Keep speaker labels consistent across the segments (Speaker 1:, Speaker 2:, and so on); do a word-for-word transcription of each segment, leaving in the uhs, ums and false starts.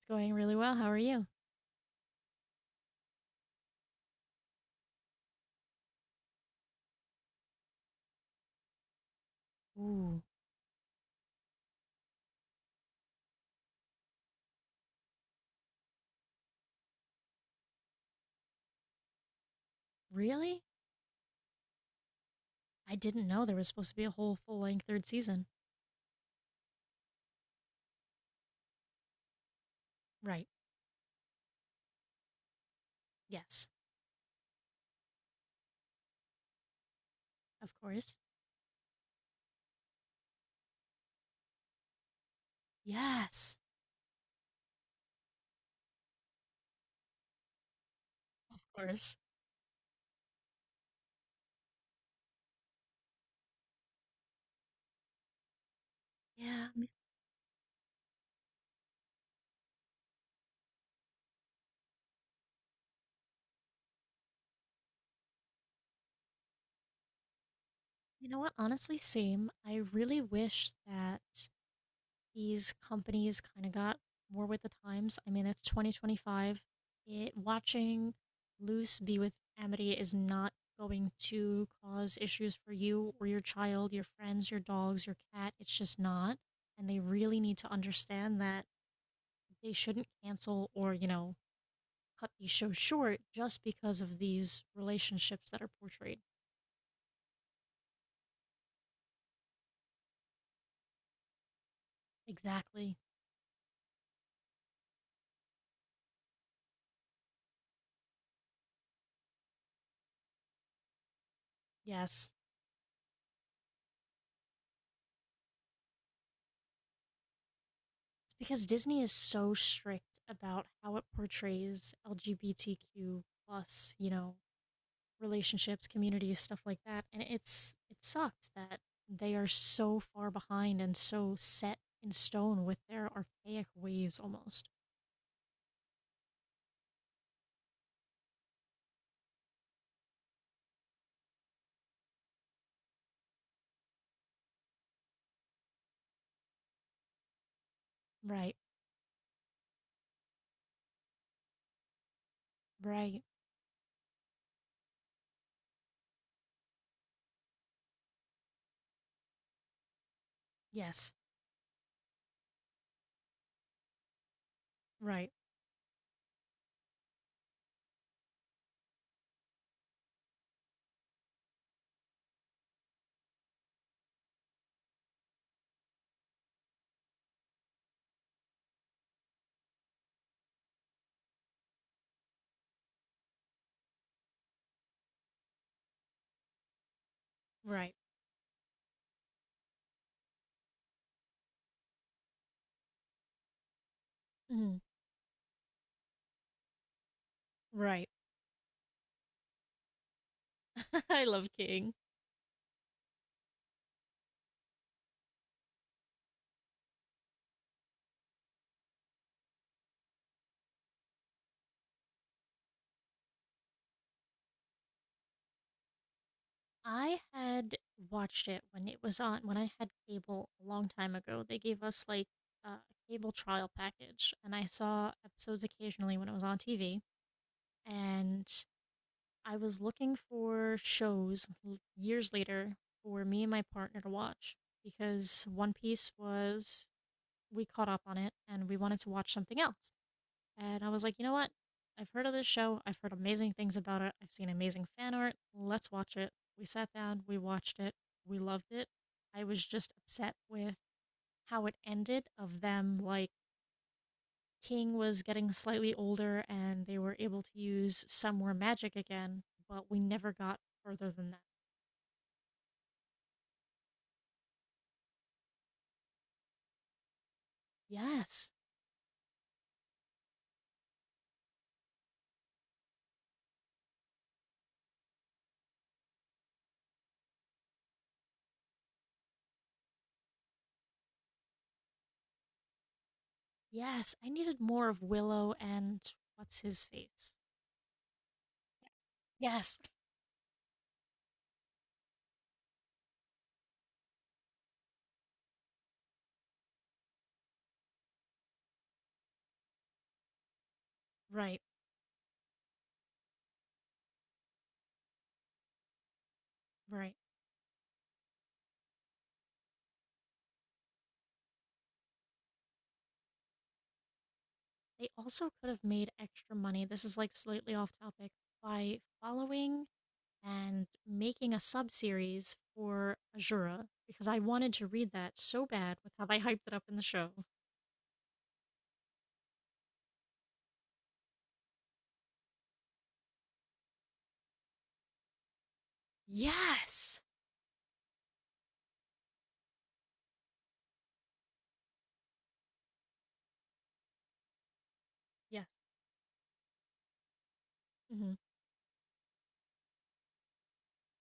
Speaker 1: It's going really well. How are you? Ooh, really? I didn't know there was supposed to be a whole full length third season. Right. Yes. Of course. Yes. Of course. Yeah. You know what? Honestly, same. I really wish that these companies kind of got more with the times. I mean, it's twenty twenty-five. It watching Loose be with Amity is not going to cause issues for you or your child, your friends, your dogs, your cat. It's just not. And they really need to understand that they shouldn't cancel or, you know, cut these shows short just because of these relationships that are portrayed. Exactly. Yes. Because Disney is so strict about how it portrays L G B T Q plus, you know, relationships, communities, stuff like that. And it's it sucks that they are so far behind and so set in stone with their archaic ways almost. Right. Right. Yes. Right. Right. Mm, right. I love King. I had watched it when it was on when I had cable a long time ago. They gave us like uh, a cable trial package, and I saw episodes occasionally when it was on T V. And I was looking for shows l- years later for me and my partner to watch because One Piece was we caught up on it and we wanted to watch something else. And I was like, you know what? I've heard of this show. I've heard amazing things about it. I've seen amazing fan art. Let's watch it. We sat down, we watched it, we loved it. I was just upset with how it ended of them like King was getting slightly older and they were able to use some more magic again, but we never got further than that. Yes. Yes, I needed more of Willow and what's his face. Yes. Right. Right. They also could have made extra money. This is like slightly off topic by following and making a sub series for Azura because I wanted to read that so bad with how they hyped it up in the show. Yes. Yes. Hmm.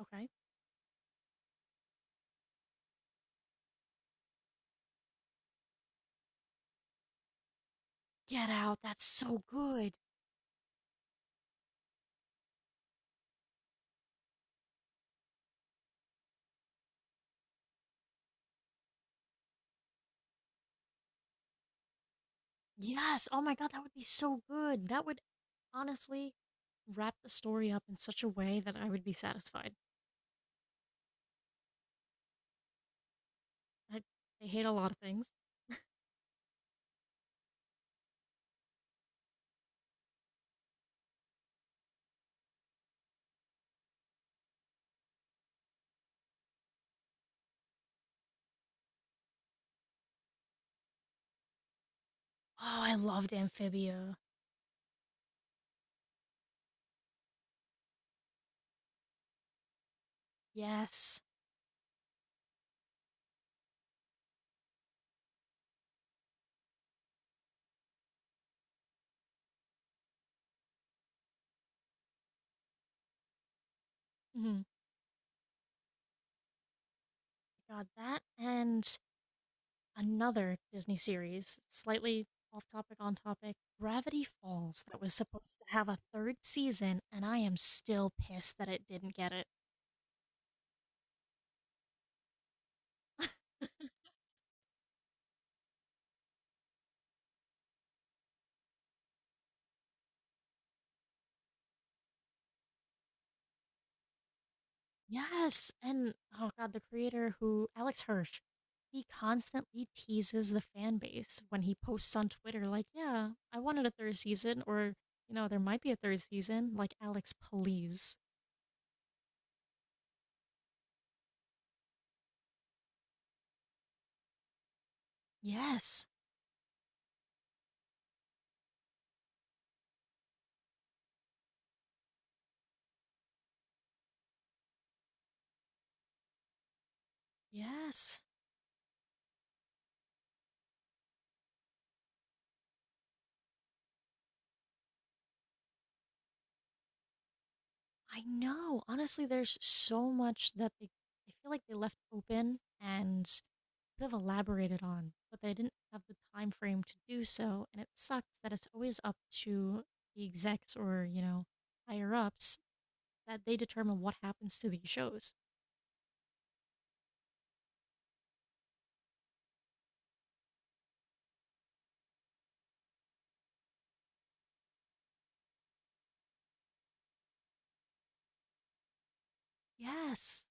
Speaker 1: Okay. Get out. That's so good. Yes. Oh my God. That would be so good. That would honestly wrap the story up in such a way that I would be satisfied. I, I hate a lot of things. Oh, I loved Amphibia. Yes. Mhm. God, that and another Disney series, slightly off topic, on topic, Gravity Falls, that was supposed to have a third season, and I am still pissed that it didn't get it. Yes, and oh God, the creator who, Alex Hirsch, he constantly teases the fan base when he posts on Twitter, like, yeah, I wanted a third season, or, you know, there might be a third season. Like, Alex, please. Yes, yes. I know. Honestly, there's so much that they, I feel like they left open and could have elaborated on, but they didn't have the time frame to do so. And it sucks that it's always up to the execs or, you know, higher ups that they determine what happens to these shows. Yes.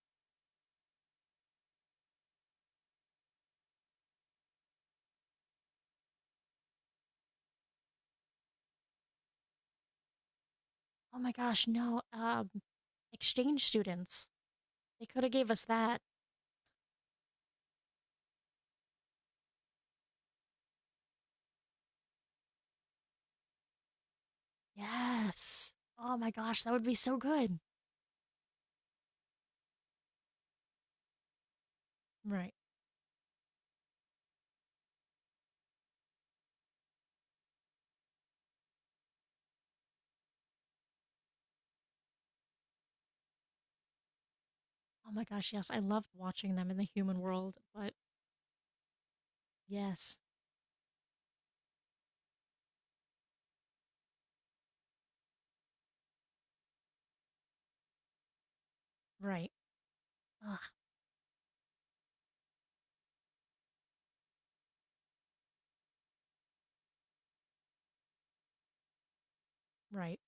Speaker 1: Oh my gosh, no. Um, exchange students. They could have gave us that. Yes. Oh my gosh, that would be so good. Right. Oh my gosh, yes. I loved watching them in the human world, but Yes. Right. Ugh, right.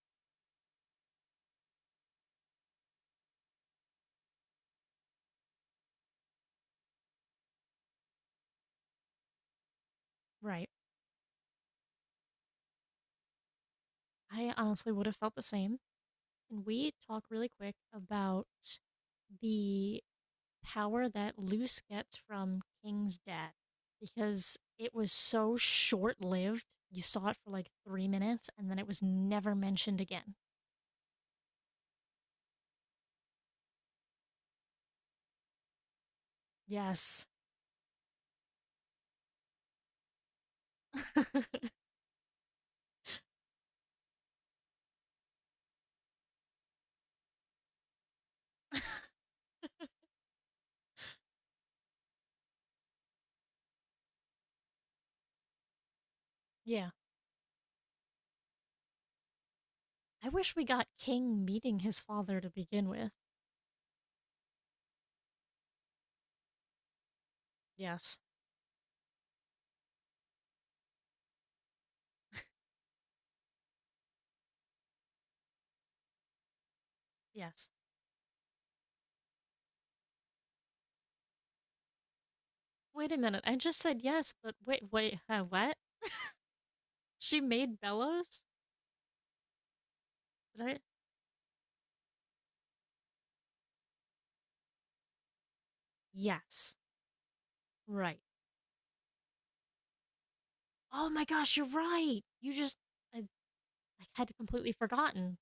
Speaker 1: Right. I honestly would have felt the same. And we talk really quick about the power that Luce gets from King's dad because it was so short lived. You saw it for like three minutes and then it was never mentioned again. Yes. Yeah. I wish we got King meeting his father to begin with. Yes. Yes. Wait a minute. I just said yes, but wait, wait, uh, what? She made Bellows? Did I? Yes. Right. Oh my gosh, you're right. You just I, I had completely forgotten.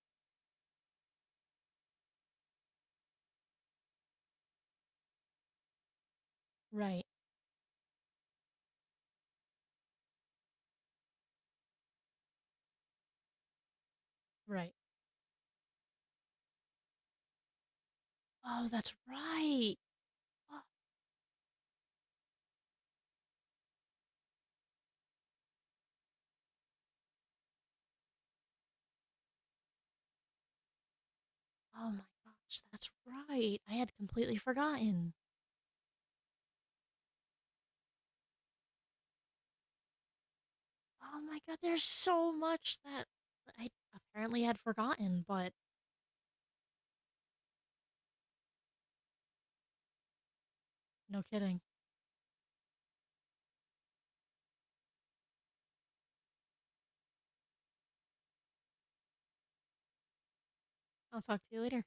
Speaker 1: Right. Right. Oh, that's right. Oh, oh my gosh, that's right. I had completely forgotten. Oh my god, there's so much that I apparently had forgotten, but no kidding. I'll talk to you later.